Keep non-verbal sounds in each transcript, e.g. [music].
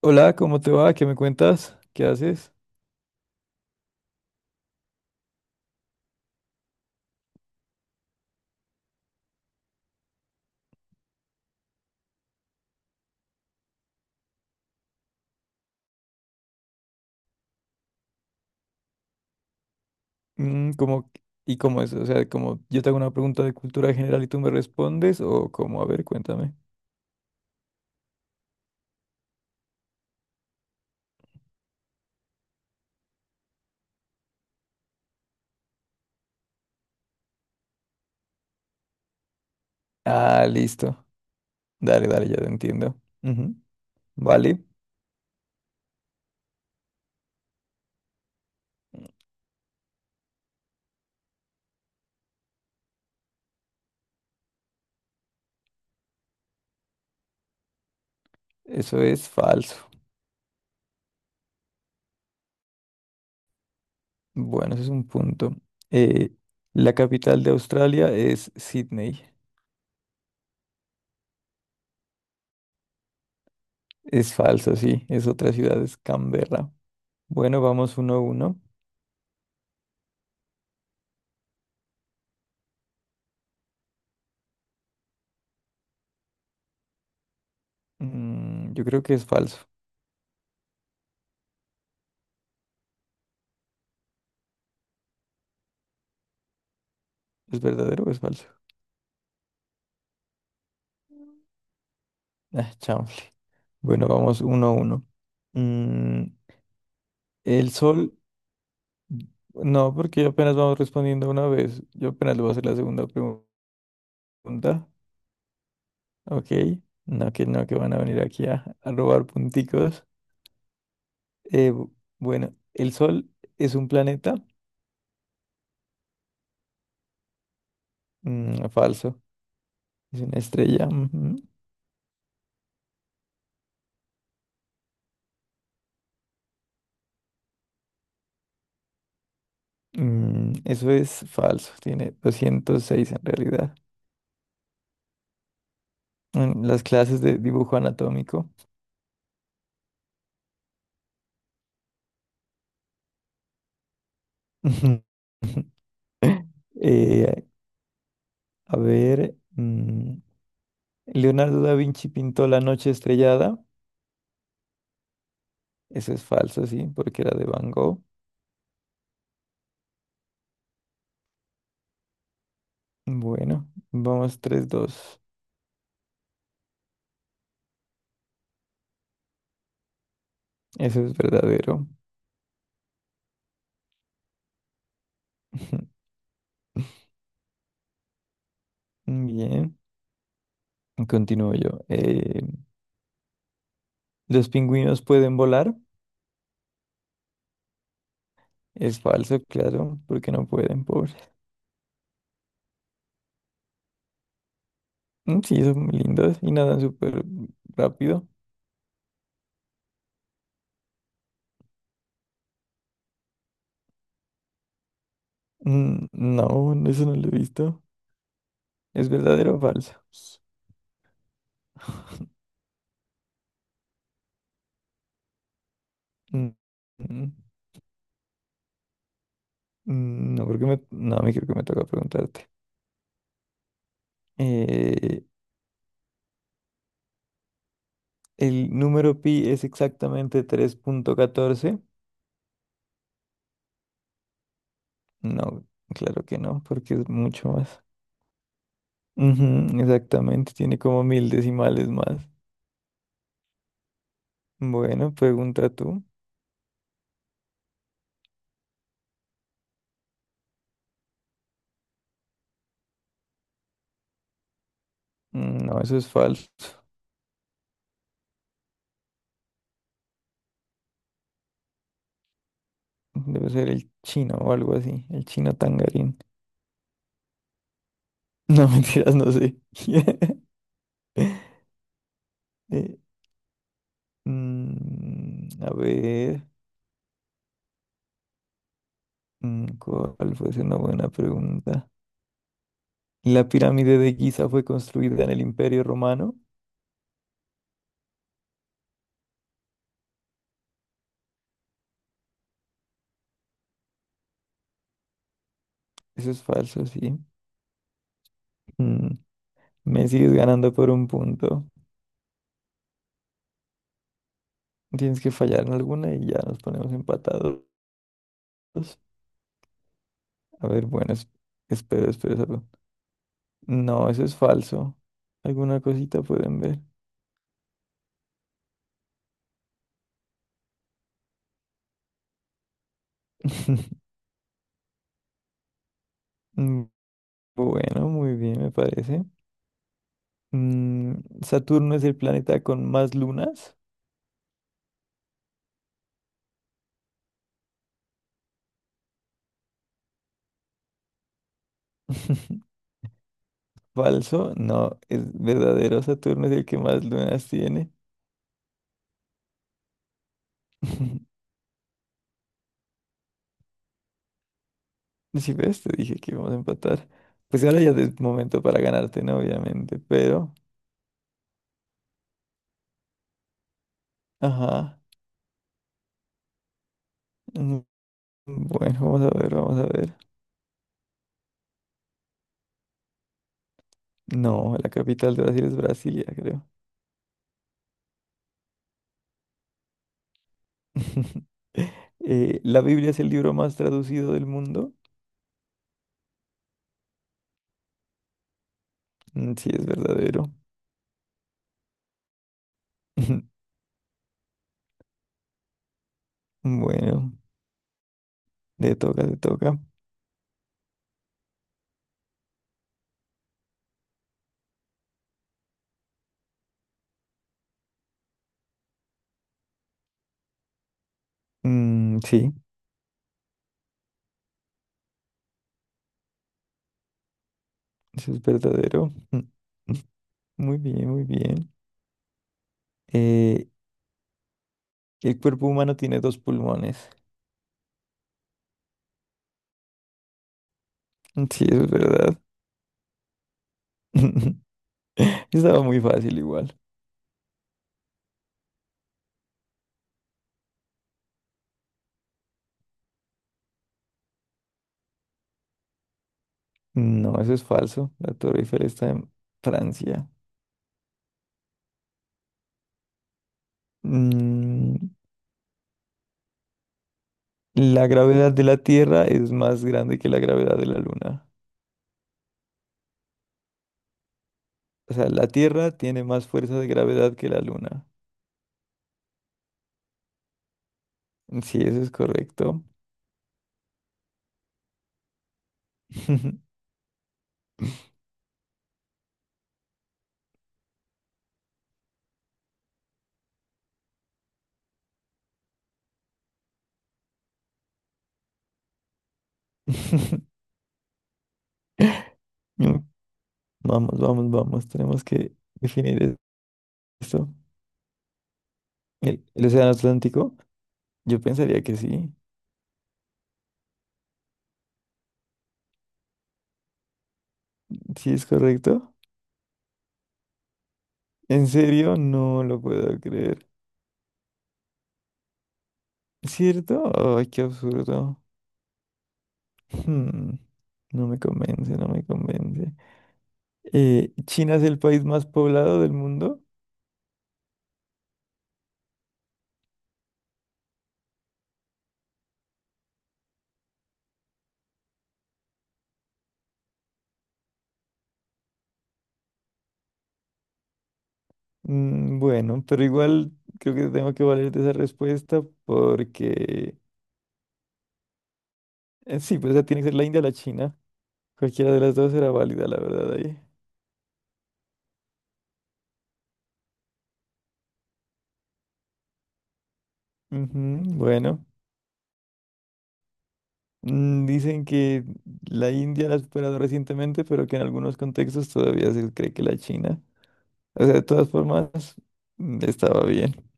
Hola, ¿cómo te va? ¿Qué me cuentas? ¿Qué haces? Mm, ¿cómo- y cómo es? O sea, como yo te hago una pregunta de cultura general y tú me respondes, o cómo, a ver, cuéntame. Ah, listo. Dale, dale, ya te entiendo. Ujú. Vale, eso es falso. Bueno, ese es un punto. Eh, la capital de Australia es Sydney. Es falso, sí. Es otra ciudad, es Canberra. Bueno, vamos 1-1. Yo creo que es falso. ¿Es verdadero o es falso? Ah, chao. Bueno, vamos uno a uno. Mm, el sol, no, porque apenas vamos respondiendo una vez. Yo apenas le voy a hacer la segunda pregunta. Ok. No, que no, que van a venir aquí a robar punticos. Eh, bu- bueno, el sol es un planeta. Falso. Es una estrella. Ujú. Eso es falso. Tiene 206 en realidad. En las clases de dibujo anatómico. [laughs] Eh, a ver. Leonardo da Vinci pintó La noche estrellada. Eso es falso, sí, porque era de Van Gogh. Bueno, vamos 3-2. Eso es verdadero. [laughs] Bien, continúo yo. ¿Los pingüinos pueden volar? Es falso, claro, porque no pueden, pobres. Mm, sí, son muy lindos y nadan súper rápido. Mm, no, no, eso no lo he visto. ¿Es verdadero o falso? Mm, mm, no, creo que me, no, me creo que me toca preguntarte. Eh, ¿El número pi es exactamente 3,14? No, claro que no, porque es mucho más. Ujú, exactamente, tiene como mil decimales más. Bueno, pregunta tú. Mm, no, eso es falso. Debe ser el chino o algo así, el chino tangarín. No, [laughs] mentiras, no sé. [laughs] Eh, a ver, ¿cuál fue una buena pregunta? ¿La pirámide de Giza fue construida en el Imperio Romano? Eso es falso, sí. Mm, Me sigues ganando por un punto. Tienes que fallar en alguna y ya nos ponemos empatados. A ver, bueno, espero salud. No, eso es falso. Alguna cosita pueden ver. [laughs] Mm, Bueno, muy bien, me parece. Mm, ¿Saturno es el planeta con más lunas? [laughs] Falso, no, es verdadero. Saturno es el que más lunas tiene. [laughs] Si ves, te dije que íbamos a empatar. Pues ahora ya es momento para ganarte, ¿no? Obviamente, pero... Ajá. Mm, Bueno, vamos a ver, vamos a ver. No, la capital de Brasil es Brasilia, creo. [laughs] ¿La Biblia es el libro más traducido del mundo? Mm, sí, es verdadero. [laughs] Bueno, te toca, te toca. Mm, sí, eso es verdadero. [laughs] Muy bien, muy bien. Eh, el cuerpo humano tiene dos pulmones. Mm, sí, eso es verdad. [laughs] Estaba muy fácil igual. No, eso es falso. La Torre Eiffel está en Francia. Mm, La gravedad de la Tierra es más grande que la gravedad de la Luna. O sea, la Tierra tiene más fuerza de gravedad que la Luna. Sí, eso es correcto. [laughs] Mm, Vamos, vamos, vamos. Tenemos que definir esto. ¿El océano Atlántico? Yo pensaría que sí. ¿Sí es correcto? ¿En serio? No lo puedo creer. ¿Cierto? Ay, qué absurdo. Hmm, No me convence, no me convence. ¿China es el país más poblado del mundo? Bueno, pero igual creo que tengo que valer de esa respuesta porque sí, pues esa tiene que ser la India o la China. Cualquiera de las dos era válida, la verdad, ahí. Ujú, bueno, dicen que la India la ha superado recientemente, pero que en algunos contextos todavía se cree que la China. O sea, de todas formas, estaba bien.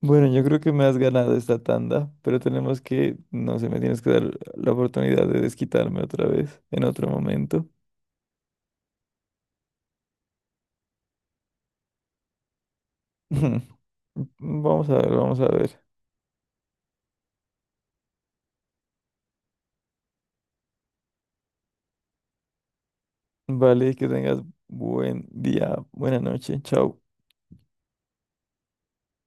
Bueno, yo creo que me has ganado esta tanda, pero tenemos que, no sé, me tienes que dar la oportunidad de desquitarme otra vez en otro momento. [laughs] Vamos a ver, vamos a ver. Vale, que tengas buen día, buena noche. Chao.